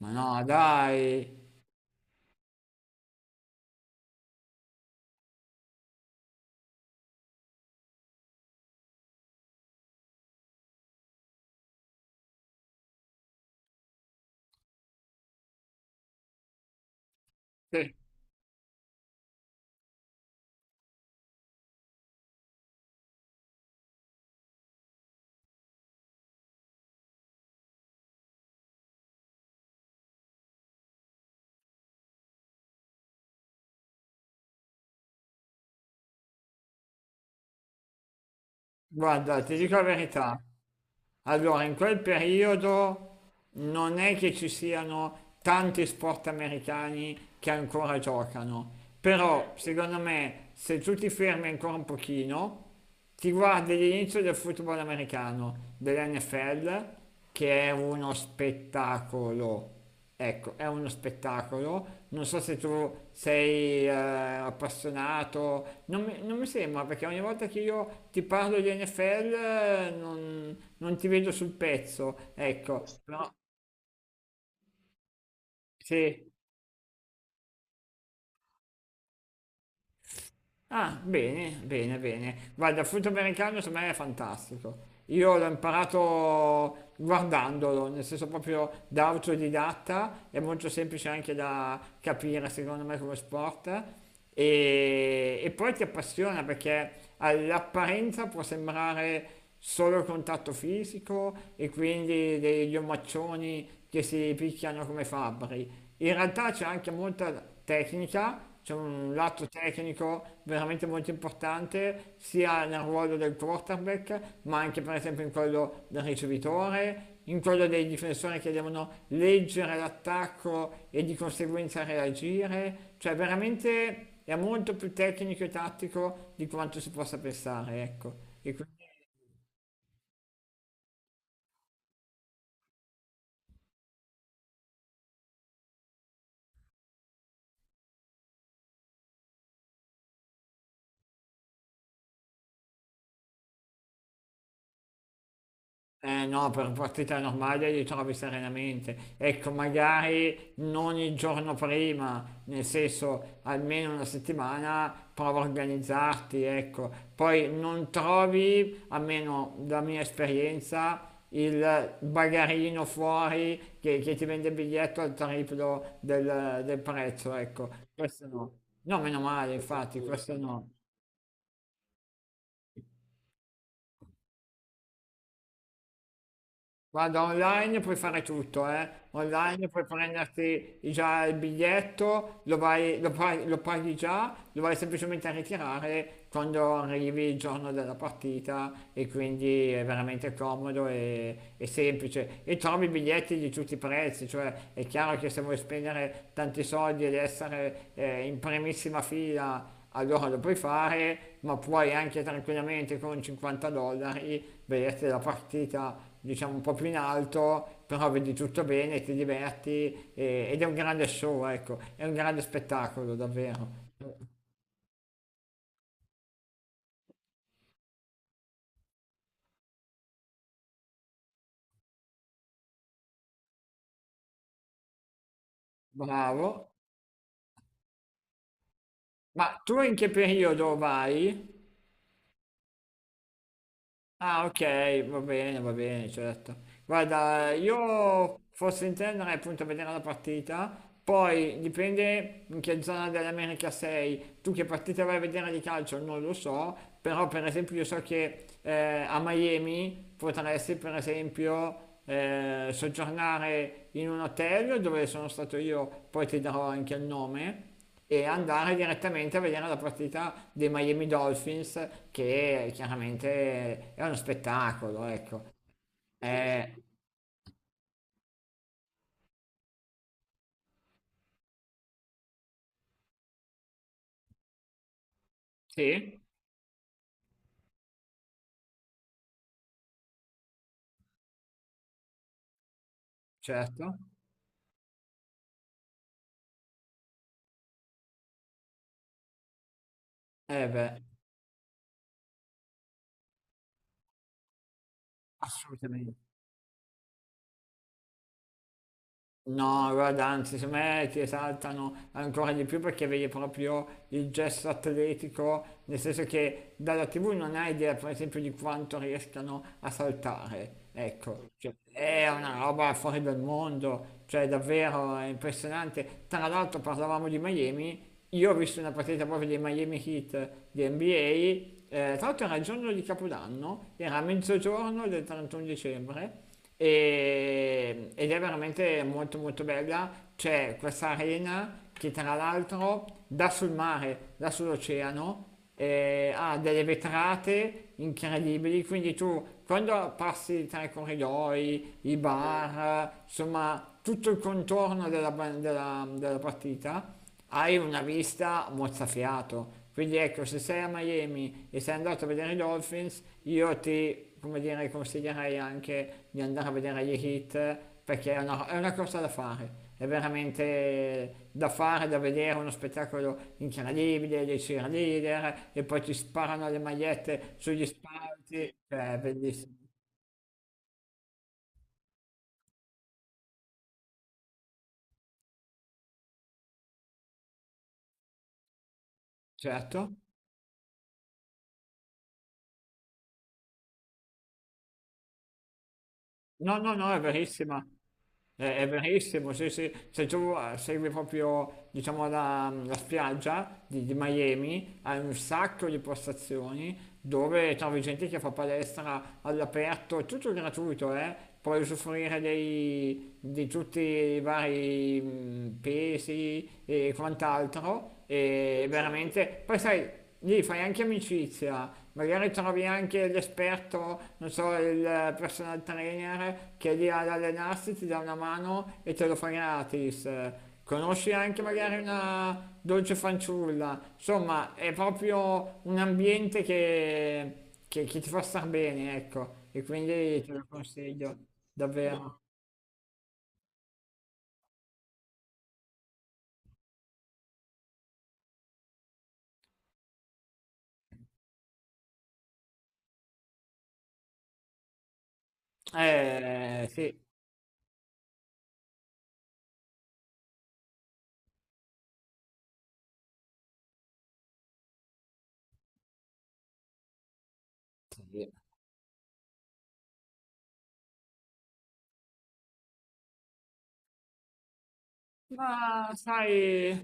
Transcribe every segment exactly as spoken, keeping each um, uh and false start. Ma no, dai, Eh, guarda, ti dico la verità. Allora, in quel periodo non è che ci siano tanti sport americani che ancora giocano, però secondo me se tu ti fermi ancora un pochino, ti guardi l'inizio del football americano, dell'N F L, che è uno spettacolo. Ecco, è uno spettacolo. Non so se tu sei eh, appassionato, non mi, non mi sembra perché ogni volta che io ti parlo di N F L eh, non, non ti vedo sul pezzo, ecco, però sì. Ah, bene, bene, bene. Guarda, il frutto americano secondo me è fantastico. Io l'ho imparato guardandolo, nel senso proprio da autodidatta, è molto semplice anche da capire secondo me come sport e, e poi ti appassiona perché all'apparenza può sembrare solo contatto fisico e quindi degli omaccioni che si picchiano come fabbri. In realtà c'è anche molta tecnica, c'è un lato tecnico veramente molto importante, sia nel ruolo del quarterback, ma anche per esempio in quello del ricevitore, in quello dei difensori che devono leggere l'attacco e di conseguenza reagire, cioè veramente è molto più tecnico e tattico di quanto si possa pensare, ecco. E quindi. Eh no, per partita normale li trovi serenamente. Ecco, magari non il giorno prima, nel senso almeno una settimana, prova a organizzarti, ecco. Poi non trovi, almeno da mia esperienza, il bagarino fuori che, che ti vende il biglietto al triplo del, del prezzo, ecco. Questo no. No, meno male. Per infatti, fortuna. Questo no. Guarda, online puoi fare tutto, eh. Online puoi prenderti già il biglietto, lo vai- lo paghi, lo paghi già, lo vai semplicemente a ritirare quando arrivi il giorno della partita e quindi è veramente comodo e, e semplice. E trovi biglietti di tutti i prezzi, cioè è chiaro che se vuoi spendere tanti soldi ed essere eh, in primissima fila allora lo puoi fare, ma puoi anche tranquillamente con cinquanta dollari vederti la partita diciamo un po' più in alto, però vedi tutto bene, ti diverti e- ed è un grande show, ecco, è un grande spettacolo, davvero. Bravo. Ma tu in che periodo vai? Ah, ok, va bene, va bene, certo. Guarda, io forse intenderei appunto a vedere la partita, poi dipende in che zona dell'America sei. Tu che partita vai a vedere di calcio non lo so, però per esempio io so che eh, a Miami potresti per esempio eh, soggiornare in un hotel dove sono stato io, poi ti darò anche il nome e andare direttamente a vedere la partita dei Miami Dolphins, che chiaramente è uno spettacolo, ecco. Eh, sì, certo. Eh beh, assolutamente. No, guarda, anzi, secondo me ti esaltano ancora di più perché vedi proprio il gesto atletico, nel senso che dalla T V non hai idea, per esempio, di quanto riescano a saltare. Ecco, cioè, è una roba fuori dal mondo, cioè davvero è impressionante. Tra l'altro parlavamo di Miami, io ho visto una partita proprio dei Miami Heat di N B A, eh, tra l'altro era il giorno di Capodanno, era a mezzogiorno del trentuno dicembre e- ed è veramente molto molto bella. C'è questa arena che tra l'altro dà sul mare, dà sull'oceano, eh, ha delle vetrate incredibili, quindi tu quando passi tra i corridoi, i bar, insomma tutto il contorno della, ba- della- della partita, hai una vista mozzafiato. Quindi ecco, se sei a Miami e sei andato a vedere i Dolphins, io ti, come dire, consiglierei anche di andare a vedere gli Heat perché è una, è una cosa da fare. È veramente da fare, da vedere, uno spettacolo incredibile dei cheerleader e poi ti sparano le magliette sugli spalti, cioè è bellissimo. Certo. No, no, no, è verissima. È, è verissimo, sì, sì. Se tu eh, segui proprio, diciamo, la, la spiaggia di, di Miami, hai un sacco di postazioni dove trovi gente che fa palestra all'aperto, tutto gratuito, eh. Puoi usufruire dei, di tutti i vari mm, pesi e quant'altro, e veramente. Poi sai. Lì fai anche amicizia, magari trovi anche l'esperto, non so, il eh, personal trainer che è lì ad allenarsi, ti dà una mano e te lo fa gratis. Conosci anche magari una dolce fanciulla, insomma, è proprio un ambiente che, che- che ti fa star bene, ecco, e quindi te lo consiglio, davvero. Eh, sì. Sì. Ma sai,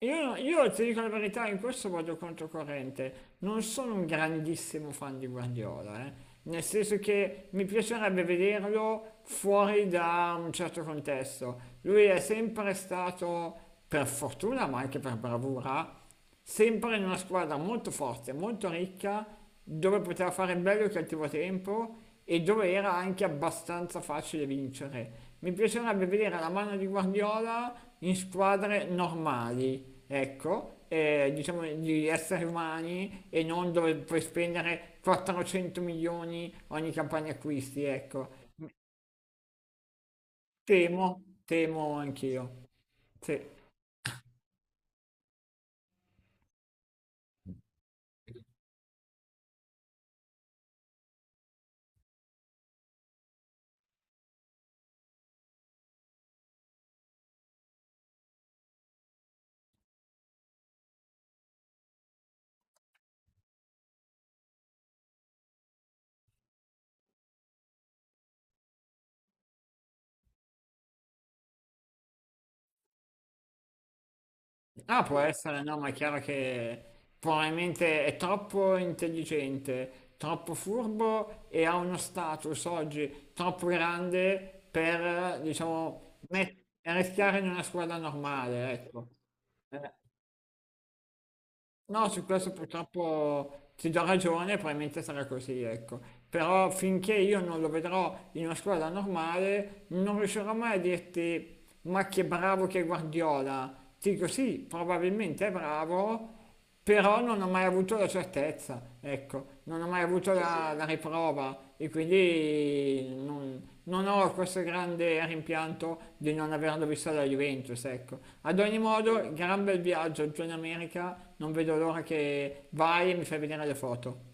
io, no, io ti dico la verità, in questo vado controcorrente. Non sono un grandissimo fan di Guardiola, eh. Nel senso che mi piacerebbe vederlo fuori da un certo contesto. Lui è sempre stato, per fortuna, ma anche per bravura, sempre in una squadra molto forte, molto ricca, dove poteva fare bello e cattivo tempo e dove era anche abbastanza facile vincere. Mi piacerebbe vedere la mano di Guardiola in squadre normali, ecco, eh, diciamo di esseri umani e non dove puoi spendere quattrocento milioni ogni campagna acquisti, ecco. Temo, temo anch'io. Sì. Ah, può essere, no, ma è chiaro che probabilmente è troppo intelligente, troppo furbo e ha uno status oggi troppo grande per, diciamo, met- rischiare in una squadra normale, ecco. No, su questo purtroppo ti do ragione, probabilmente sarà così, ecco. Però finché io non lo vedrò in una squadra normale, non riuscirò mai a dirti, ma che bravo che è Guardiola. Ti dico sì, probabilmente è bravo, però non ho mai avuto la certezza, ecco, non ho mai avuto la, la riprova e quindi non, non ho questo grande rimpianto di non averlo visto alla Juventus, ecco. Ad ogni modo, gran bel viaggio giù in America, non vedo l'ora che vai e mi fai vedere le foto.